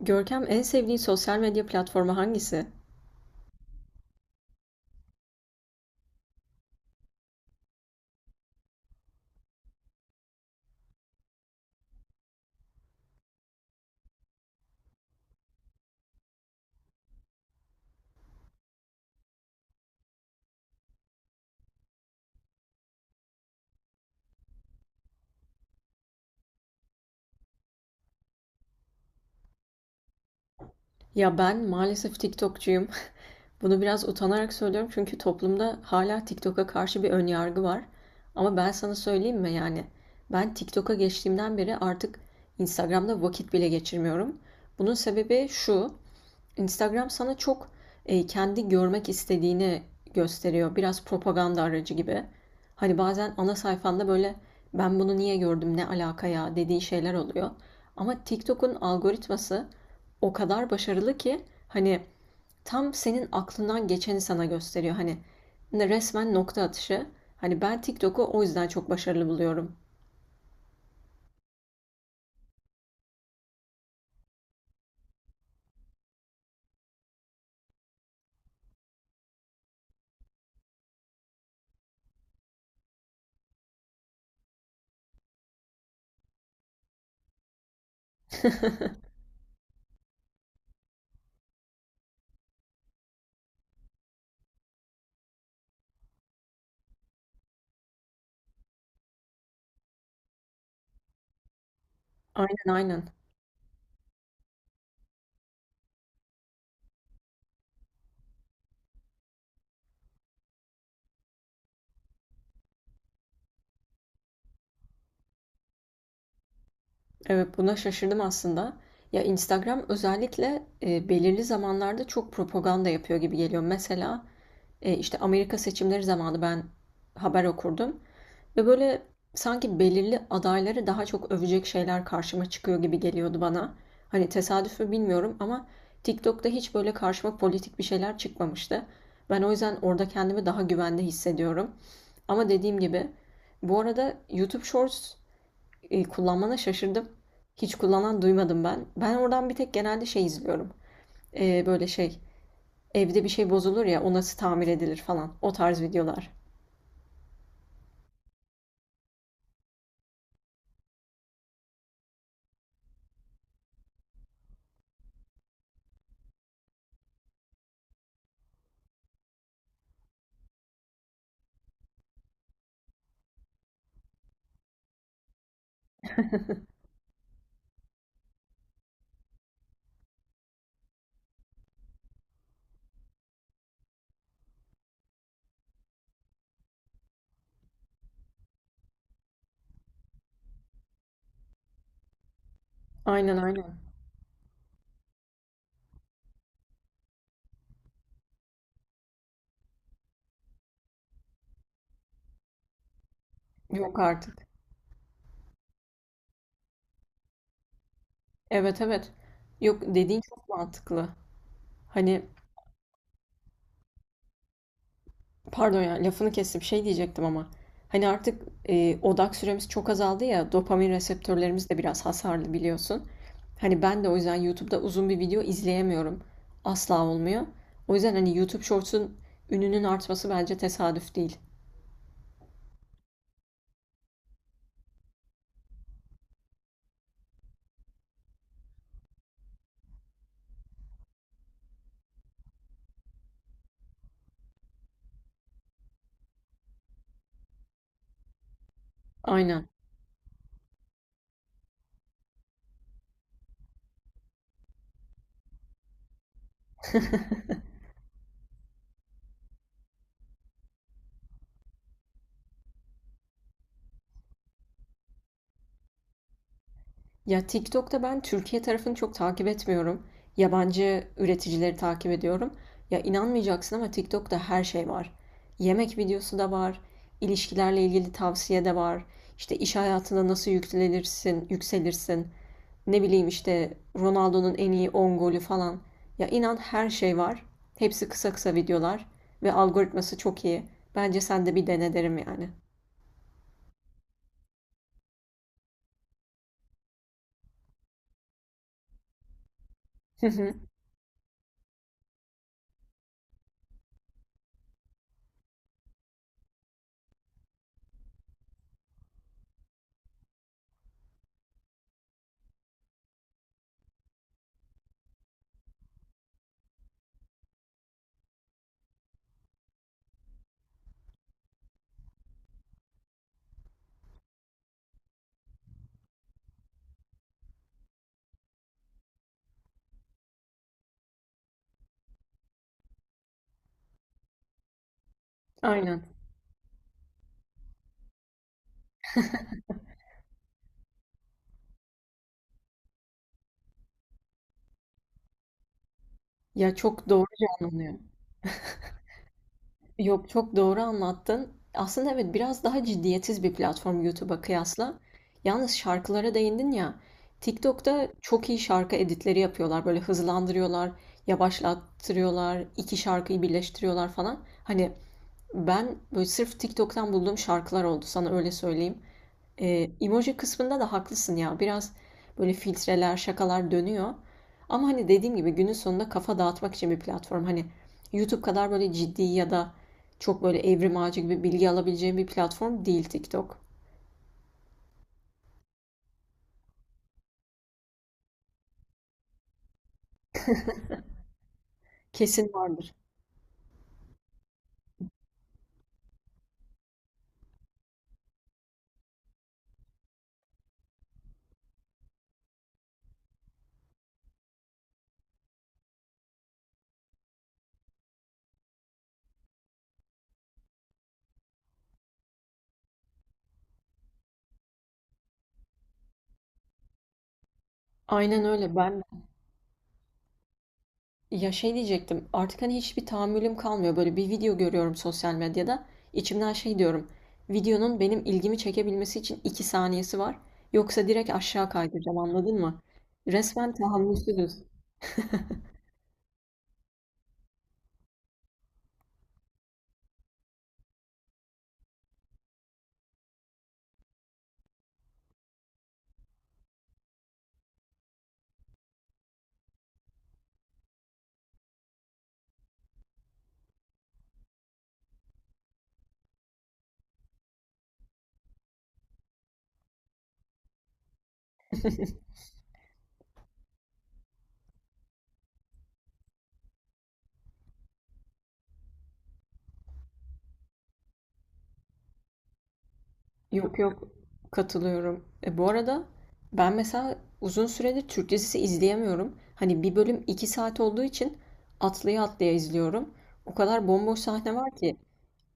Görkem, en sevdiğin sosyal medya platformu hangisi? Ya ben maalesef TikTokçuyum. Bunu biraz utanarak söylüyorum çünkü toplumda hala TikTok'a karşı bir ön yargı var. Ama ben sana söyleyeyim mi yani? Ben TikTok'a geçtiğimden beri artık Instagram'da vakit bile geçirmiyorum. Bunun sebebi şu: Instagram sana çok kendi görmek istediğini gösteriyor. Biraz propaganda aracı gibi. Hani bazen ana sayfanda böyle ben bunu niye gördüm ne alaka ya dediği şeyler oluyor. Ama TikTok'un algoritması o kadar başarılı ki hani tam senin aklından geçeni sana gösteriyor. Hani resmen nokta atışı. Hani ben TikTok'u o yüzden çok başarılı buluyorum. Aynen, aynen. Evet, buna şaşırdım aslında. Ya Instagram özellikle belirli zamanlarda çok propaganda yapıyor gibi geliyor. Mesela işte Amerika seçimleri zamanı ben haber okurdum ve böyle sanki belirli adayları daha çok övecek şeyler karşıma çıkıyor gibi geliyordu bana. Hani tesadüf mü bilmiyorum ama TikTok'ta hiç böyle karşıma politik bir şeyler çıkmamıştı. Ben o yüzden orada kendimi daha güvende hissediyorum. Ama dediğim gibi, bu arada YouTube Shorts kullanmana şaşırdım. Hiç kullanan duymadım ben. Ben oradan bir tek genelde şey izliyorum. Böyle şey, evde bir şey bozulur ya o nasıl tamir edilir falan. O tarz videolar. Aynen, aynen. Yok artık. Evet, evet. Yok, dediğin çok mantıklı. Hani pardon ya, lafını kestim. Şey diyecektim ama. Hani artık odak süremiz çok azaldı ya. Dopamin reseptörlerimiz de biraz hasarlı biliyorsun. Hani ben de o yüzden YouTube'da uzun bir video izleyemiyorum. Asla olmuyor. O yüzden hani YouTube Shorts'un ününün artması bence tesadüf değil. Aynen. Ya TikTok'ta ben Türkiye tarafını çok takip etmiyorum. Yabancı üreticileri takip ediyorum. Ya inanmayacaksın ama TikTok'ta her şey var. Yemek videosu da var, ilişkilerle ilgili tavsiye de var. İşte iş hayatında nasıl yükselirsin, yükselirsin. Ne bileyim işte Ronaldo'nun en iyi 10 golü falan. Ya inan her şey var. Hepsi kısa kısa videolar ve algoritması çok iyi. Bence sen de bir dene derim yani. Hı hı, aynen. Ya çok doğru, canlanıyor. Yok, çok doğru anlattın. Aslında evet, biraz daha ciddiyetsiz bir platform YouTube'a kıyasla. Yalnız şarkılara değindin ya. TikTok'ta çok iyi şarkı editleri yapıyorlar. Böyle hızlandırıyorlar, yavaşlattırıyorlar, iki şarkıyı birleştiriyorlar falan. Hani ben böyle sırf TikTok'tan bulduğum şarkılar oldu, sana öyle söyleyeyim. Emoji kısmında da haklısın ya. Biraz böyle filtreler, şakalar dönüyor. Ama hani dediğim gibi günün sonunda kafa dağıtmak için bir platform. Hani YouTube kadar böyle ciddi ya da çok böyle evrim ağacı gibi bilgi alabileceğim bir platform değil TikTok. Kesin vardır. Aynen öyle, ben de. Ya şey diyecektim, artık hani hiçbir tahammülüm kalmıyor. Böyle bir video görüyorum sosyal medyada. İçimden şey diyorum: videonun benim ilgimi çekebilmesi için 2 saniyesi var. Yoksa direkt aşağı kaydıracağım, anladın mı? Resmen tahammülsüzüz. Yok, yok, katılıyorum. Bu arada ben mesela uzun süredir Türk dizisi izleyemiyorum. Hani bir bölüm 2 saat olduğu için atlaya atlaya izliyorum. O kadar bomboş sahne var ki.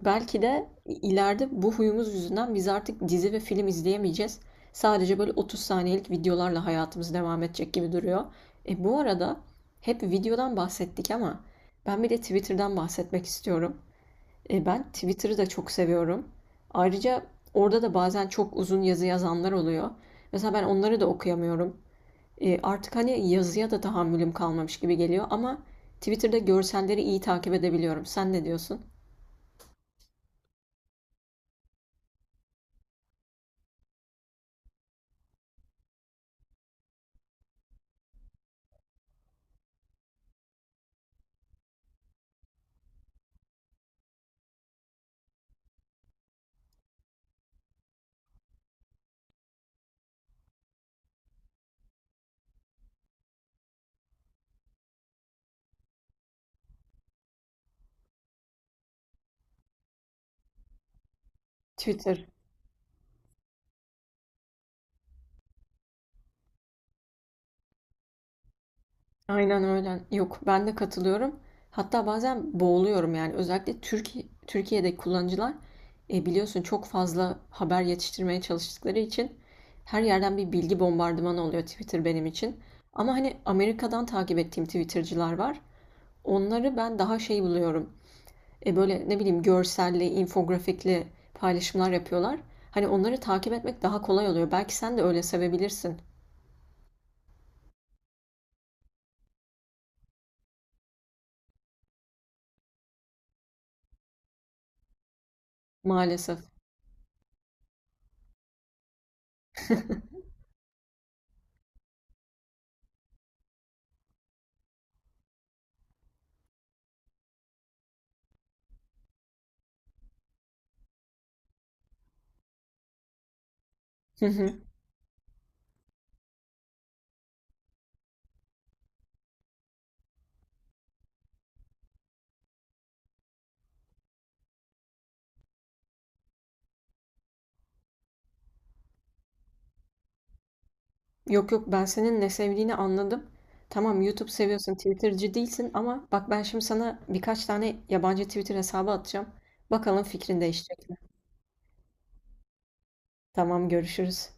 Belki de ileride bu huyumuz yüzünden biz artık dizi ve film izleyemeyeceğiz. Sadece böyle 30 saniyelik videolarla hayatımız devam edecek gibi duruyor. Bu arada hep videodan bahsettik ama ben bir de Twitter'dan bahsetmek istiyorum. Ben Twitter'ı da çok seviyorum. Ayrıca orada da bazen çok uzun yazı yazanlar oluyor. Mesela ben onları da okuyamıyorum. Artık hani yazıya da tahammülüm kalmamış gibi geliyor ama Twitter'da görselleri iyi takip edebiliyorum. Sen ne diyorsun? Twitter. Aynen öyle. Yok, ben de katılıyorum. Hatta bazen boğuluyorum yani. Özellikle Türkiye, Türkiye'deki kullanıcılar biliyorsun çok fazla haber yetiştirmeye çalıştıkları için her yerden bir bilgi bombardımanı oluyor Twitter benim için. Ama hani Amerika'dan takip ettiğim Twitter'cılar var. Onları ben daha şey buluyorum. Böyle ne bileyim görselli, infografikli paylaşımlar yapıyorlar. Hani onları takip etmek daha kolay oluyor. Belki sen de öyle sevebilirsin maalesef. Yok, yok, ben senin ne sevdiğini anladım. Tamam, YouTube seviyorsun, Twitter'cı değilsin ama bak, ben şimdi sana birkaç tane yabancı Twitter hesabı atacağım. Bakalım fikrin değişecek mi? Tamam, görüşürüz.